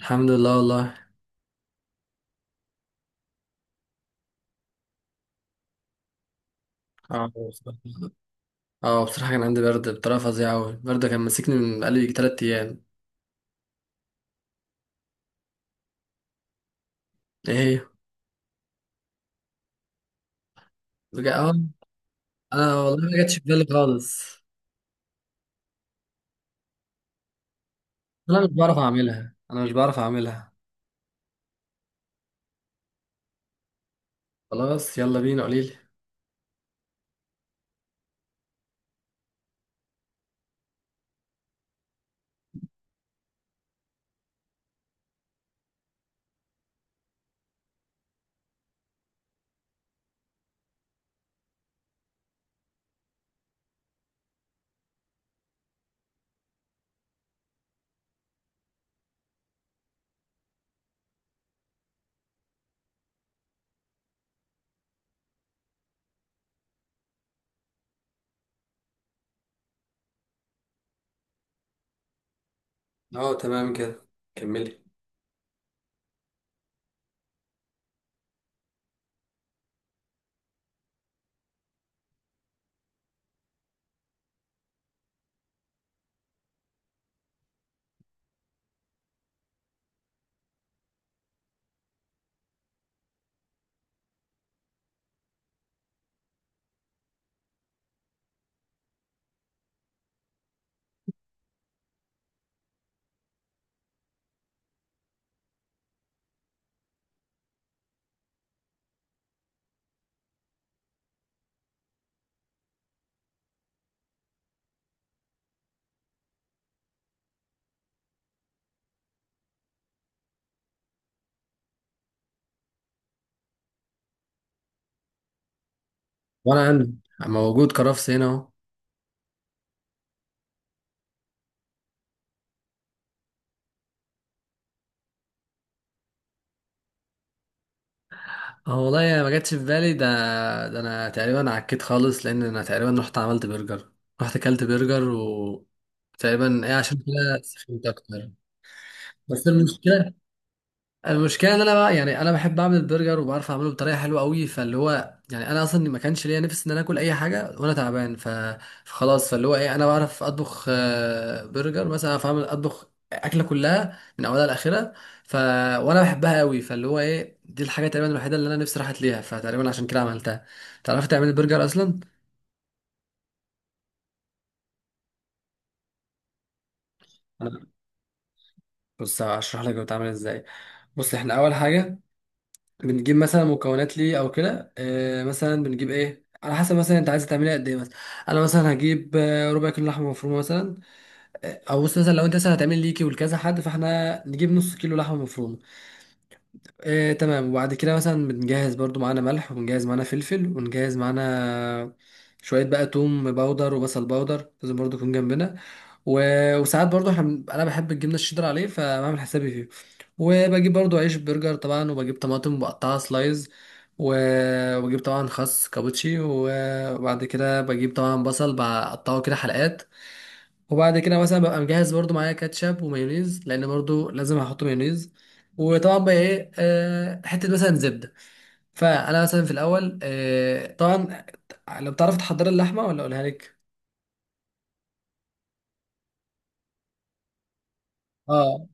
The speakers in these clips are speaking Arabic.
الحمد لله والله. اه بصراحة. اه بصراحة كان عندي برد بطريقة فظيعة أوي، البرد كان ماسكني من بقالي يجي 3 أيام. إيه هي؟ اه، أنا والله ما جاتش في بالي خالص. أنا مش بعرف أعملها. خلاص، يلا بينا، قوليلي. اه تمام كده، كملي. وأنا موجود كرفس هنا أهو. اه والله ما جاتش في بالي ده. ده أنا تقريبا عكيت خالص، لأن أنا تقريبا رحت عملت برجر، رحت أكلت برجر و تقريبا إيه عشان كده سخنت أكتر. بس المشكله ان انا، بقى يعني انا بحب اعمل البرجر وبعرف اعمله بطريقه حلوه قوي، فاللي هو يعني انا اصلا ما كانش ليا نفس ان انا اكل اي حاجه وانا تعبان فخلاص، فاللي هو ايه، انا بعرف اطبخ برجر مثلا، اعرف اعمل اطبخ اكله كلها من اولها لاخرها. ف وانا بحبها قوي، فاللي هو ايه، دي الحاجه تقريبا الوحيده اللي انا نفسي راحت ليها، فتقريبا عشان كده عملتها. تعرفي تعملي البرجر اصلا؟ أنا- بص هشرح لك بتعمل ازاي. بص، احنا اول حاجه بنجيب مثلا مكونات ليه او كده، آه مثلا بنجيب ايه على حسب مثلا انت عايز تعمليها قد ايه. مثلا انا مثلا هجيب ربع كيلو لحمه مفرومه مثلا، او بص مثلا لو انت مثلا هتعمل ليكي ولكذا حد، فاحنا نجيب نص كيلو لحمه مفرومه. آه تمام، وبعد كده مثلا بنجهز برضو معانا ملح، وبنجهز معانا فلفل، ونجهز معانا شويه بقى توم باودر وبصل باودر، لازم برضو يكون جنبنا. وساعات برضو انا بحب الجبنه الشيدر عليه، فبعمل حسابي فيه. وبجيب برضو عيش برجر طبعا، وبجيب طماطم مقطعه سلايز و... وبجيب طبعا خس كابوتشي وبعد كده بجيب طبعا بصل بقطعه كده حلقات. وبعد كده مثلا ببقى مجهز برضو معايا كاتشب ومايونيز، لان برضو لازم هحط مايونيز. وطبعا بقى ايه، حته مثلا زبده. فانا مثلا في الاول، طبعا لو بتعرف تحضر اللحمه ولا اقولها لك؟ اه،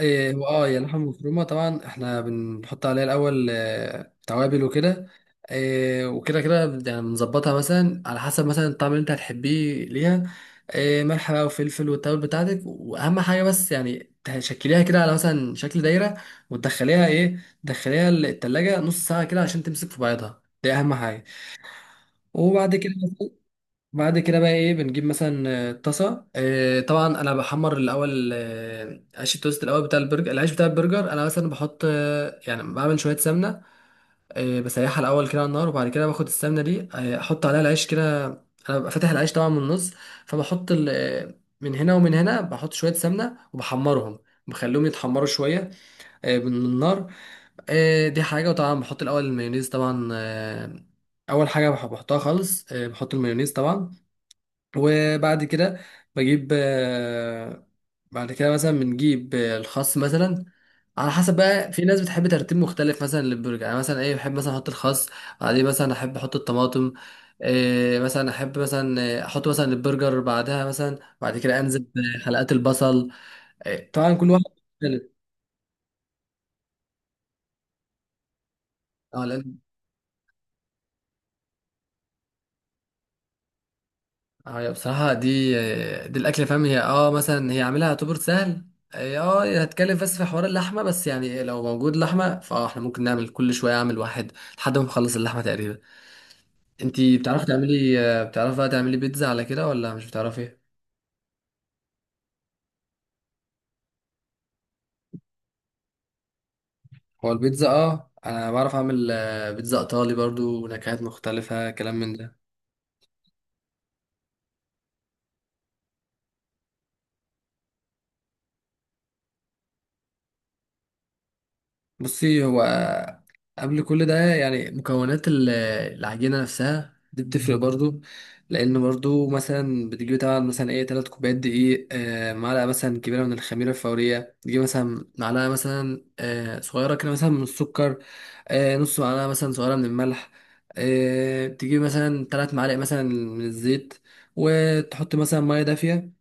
واه يا لحم مفرومه طبعا، احنا بنحط عليها الاول توابل وكده. وكده كده، يعني بنظبطها مثلا على حسب مثلا الطعم اللي انت هتحبيه ليها. ملح بقى وفلفل والتوابل بتاعتك، واهم حاجه بس يعني تشكليها كده على مثلا شكل دايره. وتدخليها ايه، تدخليها التلاجة نص ساعه كده عشان تمسك في بعضها، دي اهم حاجه. وبعد كده بقى ايه، بنجيب مثلا طاسه، طبعا انا بحمر الاول عيش التوست، الاول بتاع البرجر العيش بتاع البرجر، انا مثلا بحط يعني بعمل شويه سمنه، بسيحها الاول كده على النار، وبعد كده باخد السمنه دي احط عليها العيش كده. انا ببقى فاتح العيش طبعا من النص، فبحط من هنا ومن هنا بحط شويه سمنه وبحمرهم، بخليهم يتحمروا شويه من النار. دي حاجه. وطبعا بحط الاول المايونيز طبعا، اول حاجه بحطها خالص، بحط المايونيز طبعا. وبعد كده بجيب بعد كده مثلا بنجيب الخس مثلا. على حسب بقى، في ناس بتحب ترتيب مختلف مثلا للبرجر. يعني مثلا ايه بحب مثلا احط الخس، بعدين مثلا احب احط الطماطم، إيه مثلا احب مثلا احط مثلا البرجر، بعدها مثلا بعد كده انزل بحلقات البصل. إيه طبعا كل واحد مختلف. اه. اه هي بصراحة، دي دي الأكلة فاهم، هي اه مثلا هي عاملها يعتبر سهل. اه هي هتكلم بس في حوار اللحمة بس، يعني لو موجود لحمة فاه احنا ممكن نعمل كل شوية أعمل واحد لحد ما نخلص اللحمة تقريبا. انتي بتعرفي تعملي بتعرفي بقى تعملي بيتزا على كده ولا مش بتعرفي؟ هو البيتزا اه أنا بعرف أعمل بيتزا إيطالي برضو، ونكهات مختلفة كلام من ده. بصي هو قبل كل ده، يعني مكونات العجينة نفسها دي بتفرق برضو. لأن برضو مثلا بتجيب طبعا مثلا ايه 3 كوبايات دقيق، معلقة مثلا كبيرة من الخميرة الفورية، تجيب مثلا معلقة مثلا صغيرة كده مثلا من السكر، نص معلقة مثلا صغيرة من الملح، تجيب مثلا 3 معالق مثلا من الزيت، وتحط مثلا مية دافية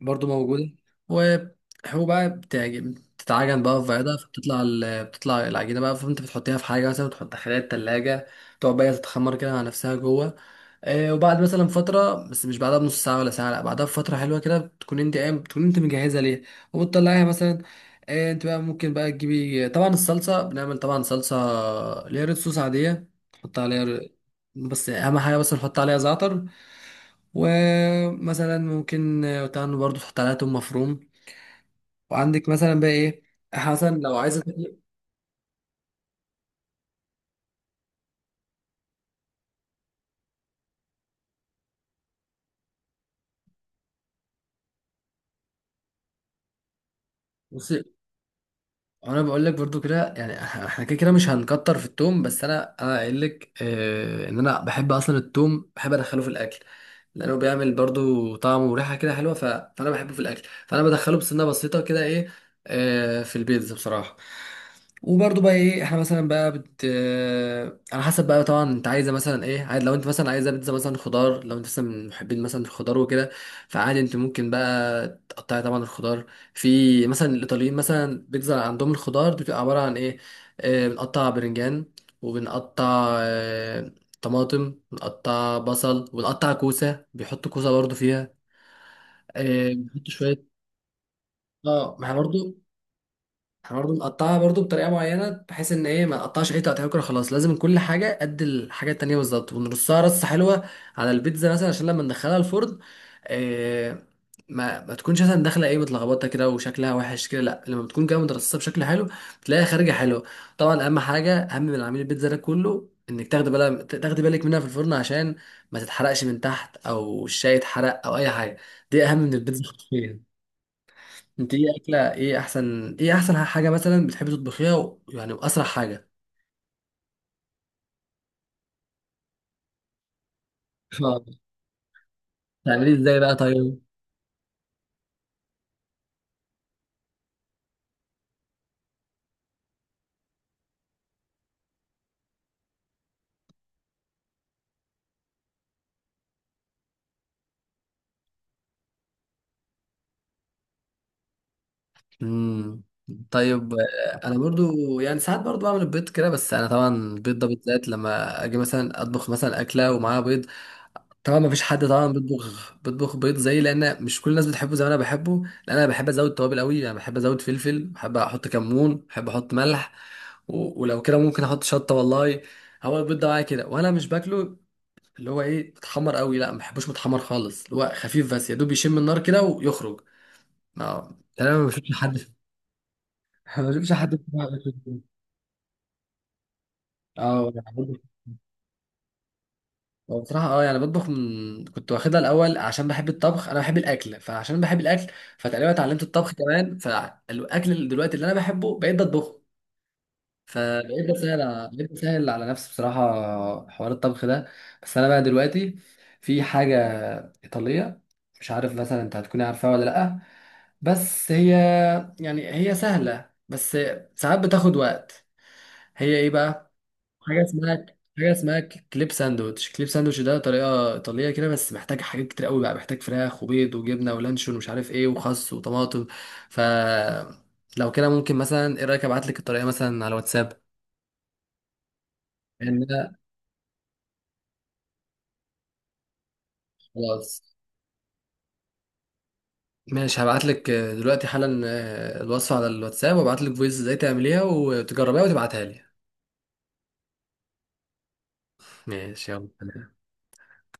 برضو موجودة. وهو بقى بتتعجن بقى في بياضة، فبتطلع بتطلع العجينة بقى، فانت بتحطيها في حاجة مثلا، بتحط خلال التلاجة تقعد بقى تتخمر كده مع نفسها جوه. آه وبعد مثلا فترة، بس مش بعدها بنص ساعة ولا ساعة، لا بعدها بفترة حلوة كده، بتكون انت قايم بتكون انت مجهزة ليها وبتطلعيها مثلا. آه انت بقى ممكن بقى تجيبي طبعا الصلصة، بنعمل طبعا صلصة اللي هي ريد صوص عادية، تحط عليها بس أهم حاجة بس نحط عليها زعتر، ومثلا ممكن تاخد برضه تحط عليها توم مفروم، وعندك مثلا بقى ايه حسن لو عايزه تاكلي. بصي انا بقول لك برضو كده، يعني احنا كده كده مش هنكتر في التوم، بس انا قايل لك آه ان انا بحب اصلا التوم، بحب ادخله في الاكل لانه بيعمل برضو طعم وريحه كده حلوه فانا بحبه في الاكل، فانا بدخله بسنه بسيطه كده ايه، في البيتزا بصراحه. وبرضه بقى ايه، احنا مثلا بقى بت آه، على حسب بقى طبعا انت عايزه مثلا ايه عايز، لو انت مثلا عايزه بيتزا مثلا خضار، لو انت مثلا من محبين مثلا الخضار وكده، فعادي انت ممكن بقى تقطعي طبعا الخضار. في مثلا الايطاليين مثلا بيتزا عندهم، الخضار دي بتبقى عباره عن ايه، بنقطع برنجان، وبنقطع طماطم، بنقطع بصل، وبنقطع كوسه، بيحطوا كوسه برضه فيها، بيحطوا شويه. اه، ما احنا برضه، احنا برضه بنقطعها برضه بطريقه معينه، بحيث ان ايه ما نقطعش اي تقطيع كده خلاص، لازم كل حاجه قد الحاجه التانيه بالظبط، ونرصها رصه حلوه على البيتزا مثلا، عشان لما ندخلها الفرن إيه ما تكونش مثلا داخله ايه متلخبطه كده وشكلها وحش كده، لا لما بتكون جايه مترصصه بشكل حلو بتلاقيها خارجه حلوه. طبعا اهم حاجه، اهم من عميل البيتزا ده كله، انك تاخدي بالك، تاخدي بالك منها في الفرن عشان ما تتحرقش من تحت، او الشاي يتحرق او اي حاجه، دي اهم من البيتزا. انت ايه اكله، ايه احسن، ايه احسن حاجه مثلا بتحبي تطبخيها يعني واسرع حاجه؟ اه. بتعمليه ازاي بقى طيب؟ امم طيب، انا برضو يعني ساعات برضو بعمل البيض كده، بس انا طبعا البيض ده بالذات لما اجي مثلا اطبخ مثلا اكله ومعاها بيض، طبعا ما فيش حد طبعا بيطبخ بيض زي، لان مش كل الناس بتحبه زي ما انا بحبه، لان انا بحب ازود توابل قوي، يعني بحب ازود فلفل، بحب احط كمون، بحب احط ملح، ولو كده ممكن احط شطه والله. هو البيض ده معايا كده وانا مش باكله، اللي هو ايه متحمر قوي، لا ما بحبوش متحمر خالص، اللي هو خفيف بس يا دوب يشم النار كده ويخرج. ما يعني انا ما بشوفش حد ما بشوفش حد بصراحة بياكل كده. اه يعني برضه- هو بصراحة اه يعني بطبخ من كنت واخدها الأول، عشان بحب الطبخ، أنا بحب الأكل، فعشان بحب الأكل فتقريبا اتعلمت الطبخ كمان، فالأكل اللي دلوقتي اللي أنا بحبه بقيت بطبخه، فبقيت بسهل على نفسي بصراحة حوار الطبخ ده. بس أنا بقى دلوقتي في حاجة إيطالية، مش عارف مثلا أنت هتكوني عارفاها ولا لأ، بس هي يعني هي سهلة بس ساعات بتاخد وقت. هي إيه بقى؟ حاجة اسمها حاجة اسمها كليب ساندوتش، كليب ساندوتش ده طريقة إيطالية كده، بس محتاج حاجات كتير قوي بقى، محتاج فراخ وبيض وجبنة ولانشون ومش عارف إيه وخس وطماطم. ف لو كده ممكن مثلا ايه رأيك ابعت لك الطريقة مثلا على واتساب؟ ان انا خلاص، ماشي هبعت لك دلوقتي حالا الوصفه على الواتساب، وابعت لك فويس ازاي تعمليها وتجربيها وتبعتها لي. ماشي يلا.